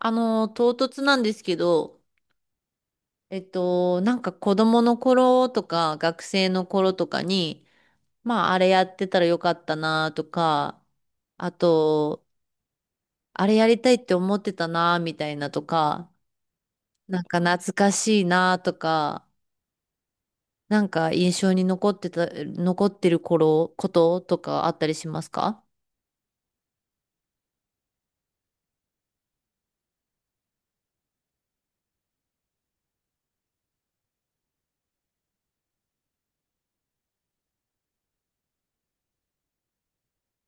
唐突なんですけど、なんか子供の頃とか学生の頃とかに、まあ、あれやってたらよかったなとか、あと、あれやりたいって思ってたなみたいなとか、なんか懐かしいなとか、なんか印象に残ってることとかあったりしますか？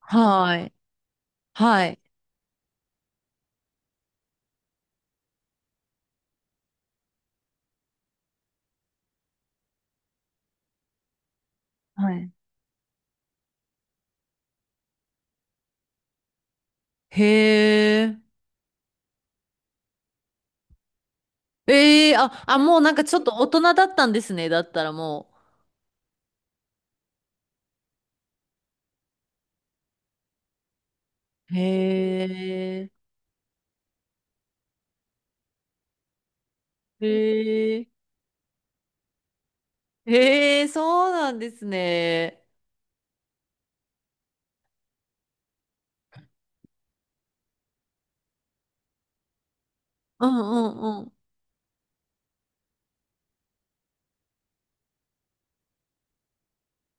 はい。はい。はい。へえ。ええ、もうなんかちょっと大人だったんですね。だったらもう。へえ、へえ、へえ、そうなんですね。うんうんうん。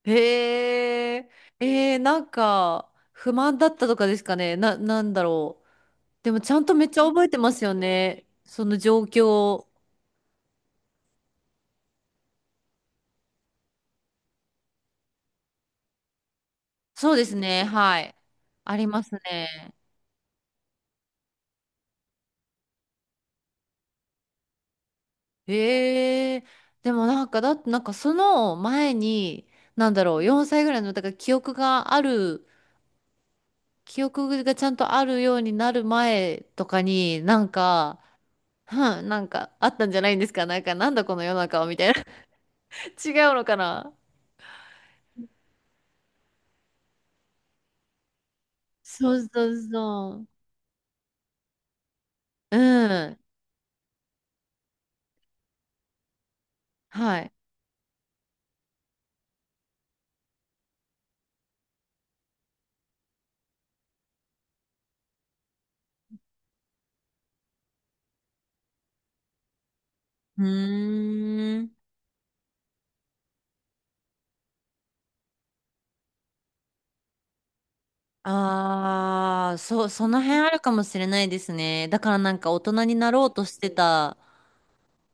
へえ、なんか、不満だったとかですかね。なんだろう。でも、ちゃんとめっちゃ覚えてますよね。その状況。そうですね、はい。ありますね。へえ、でもなんか、だってなんかその前に、なんだろう、4歳ぐらいの、だから記憶がちゃんとあるようになる前とかになんか、うん、なんかあったんじゃないんですかなんかなんだこの世の中はみたいな。 違うのかな。そうそうそう。うん。はい。うーん。ああ、そう、その辺あるかもしれないですね。だからなんか大人になろうとしてた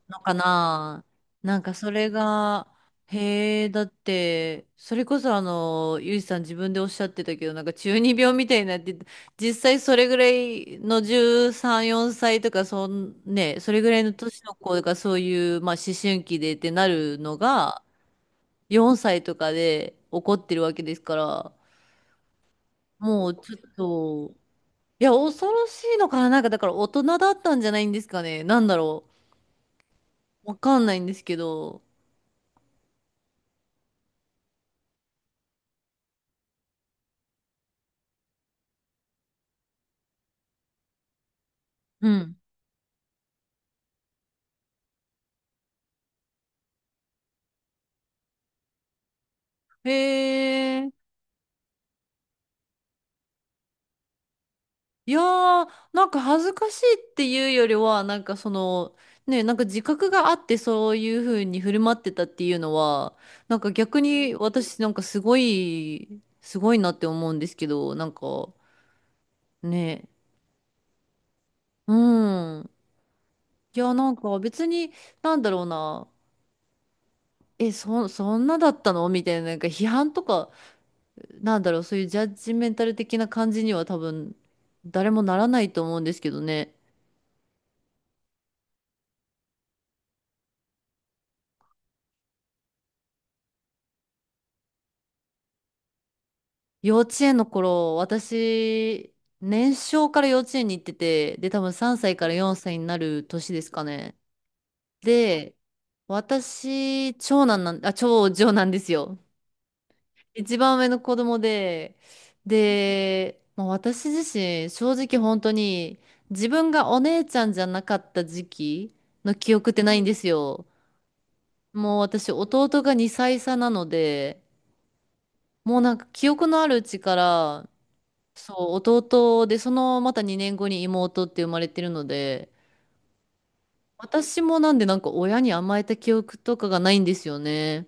のかな。なんかそれが、へえ、だって、それこそ、ゆいさん自分でおっしゃってたけど、なんか中二病みたいになって実際それぐらいの13、4歳とか、ね、それぐらいの年の子がそういう、まあ思春期でってなるのが、4歳とかで起こってるわけですから、もうちょっと、いや、恐ろしいのかな。なんかだから大人だったんじゃないんですかね。なんだろう。わかんないんですけど。うん、へえ。いやー、なんか恥ずかしいっていうよりは、なんかその、ね、なんか自覚があってそういう風に振る舞ってたっていうのは、なんか逆に私なんかすごい、すごいなって思うんですけど、なんかね、うん。いや、なんか別に、なんだろうな、え、そんなだったのみたいな、なんか批判とか、なんだろう、そういうジャッジメンタル的な感じには多分、誰もならないと思うんですけどね。幼稚園の頃、私、年少から幼稚園に行ってて、で、多分3歳から4歳になる年ですかね。で、私、長女なんですよ。一番上の子供で、まあ、私自身、正直本当に、自分がお姉ちゃんじゃなかった時期の記憶ってないんですよ。もう私、弟が2歳差なので、もうなんか記憶のあるうちから、そう、弟で、そのまた2年後に妹って生まれてるので、私もなんでなんか親に甘えた記憶とかがないんですよね。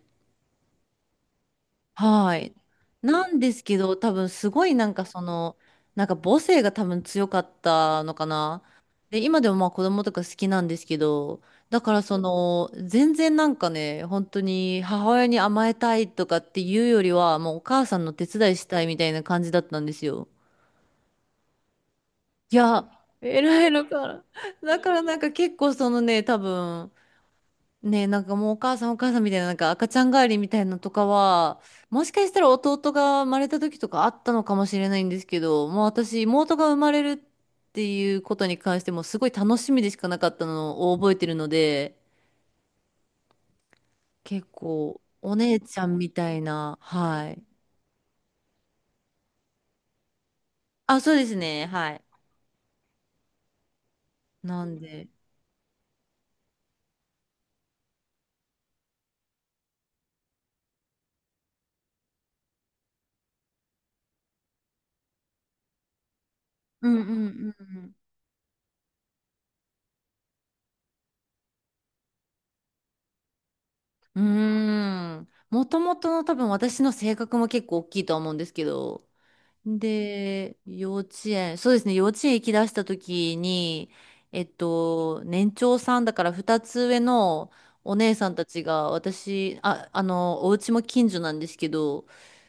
はい。なんですけど、多分すごいなんかその、なんか母性が多分強かったのかな。で、今でもまあ子供とか好きなんですけど、だからその、全然なんかね、本当に母親に甘えたいとかっていうよりは、もうお母さんの手伝いしたいみたいな感じだったんですよ。いや、偉いのかな。だからなんか結構そのね、多分、ね、なんかもうお母さんお母さんみたいな、なんか赤ちゃん帰りみたいなのとかは、もしかしたら弟が生まれた時とかあったのかもしれないんですけど、もう私、妹が生まれるっていうことに関してもすごい楽しみでしかなかったのを覚えてるので、結構お姉ちゃんみたいな、はい。あ、そうですね、はい。なんで。うんうんうんうん。うーん。もともとの多分私の性格も結構大きいとは思うんですけど。で、幼稚園、そうですね、幼稚園行き出した時に、年長さんだから2つ上のお姉さんたちが私、お家も近所なんですけど、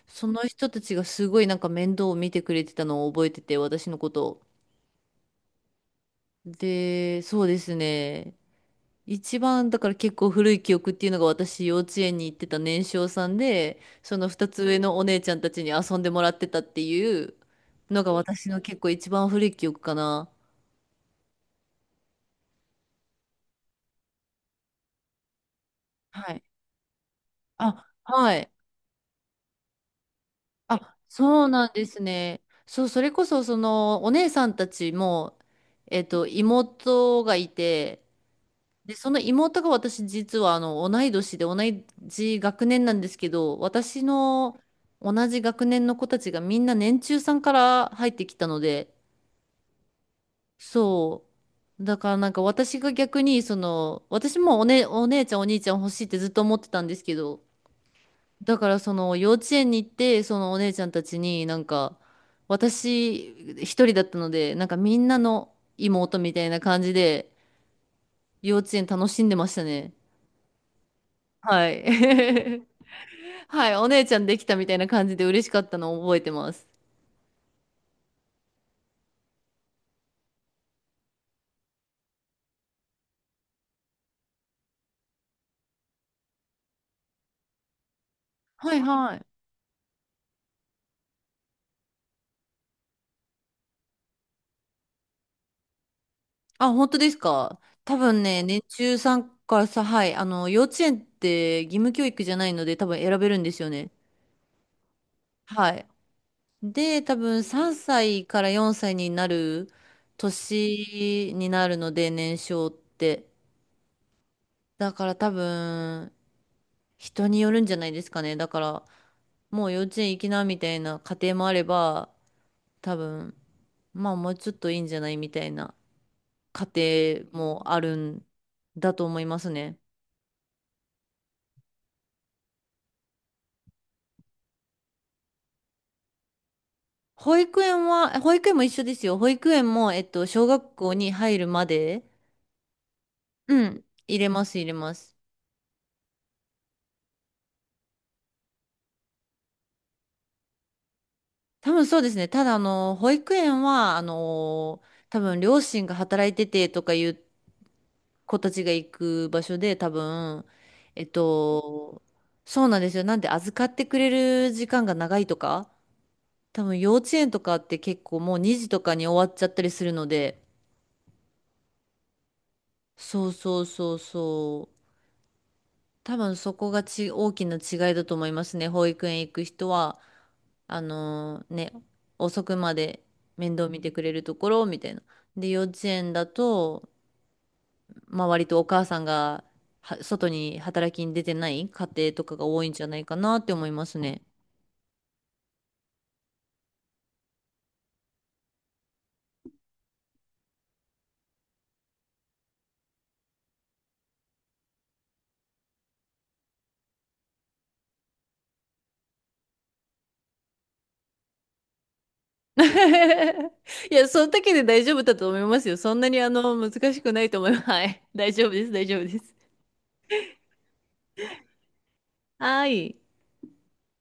その人たちがすごいなんか面倒を見てくれてたのを覚えてて、私のことを。で、そうですね。一番だから結構古い記憶っていうのが私幼稚園に行ってた年少さんでその二つ上のお姉ちゃんたちに遊んでもらってたっていうのが私の結構一番古い記憶かな。はい。あ、はい。あ、そうなんですね。そう、それこそそのお姉さんたちも、妹がいて、で、その妹が私実は同い年で同じ学年なんですけど、私の同じ学年の子たちがみんな年中さんから入ってきたので、そう。だからなんか私が逆にその、私もね、お姉ちゃんお兄ちゃん欲しいってずっと思ってたんですけど、だからその幼稚園に行ってそのお姉ちゃんたちになんか私一人だったので、なんかみんなの妹みたいな感じで幼稚園楽しんでましたね。はい。はい、お姉ちゃんできたみたいな感じで嬉しかったのを覚えてます。はいはい。あ、本当ですか？多分ね、年中さんからさ、はい、幼稚園って義務教育じゃないので多分選べるんですよね。はい。で、多分3歳から4歳になる年になるので、年少って。だから多分、人によるんじゃないですかね。だから、もう幼稚園行きなみたいな家庭もあれば、多分、まあもうちょっといいんじゃないみたいな。家庭もあるんだと思いますね。保育園も一緒ですよ。保育園も、小学校に入るまで、うん、入れます、入れます。多分そうですね。ただ、保育園は、多分両親が働いててとかいう子たちが行く場所で、多分、えっと、そうなんですよ。なんで預かってくれる時間が長いとか、多分幼稚園とかって結構もう2時とかに終わっちゃったりするので、そうそうそうそう。多分そこが大きな違いだと思いますね。保育園行く人は、あのーね、遅くまで面倒見てくれるところみたいな。で、幼稚園だと、まあ割とお母さんは外に働きに出てない家庭とかが多いんじゃないかなって思いますね。いや、そんだけで大丈夫だと思いますよ。そんなに難しくないと思います。はい。大丈夫です、大丈夫です。はい。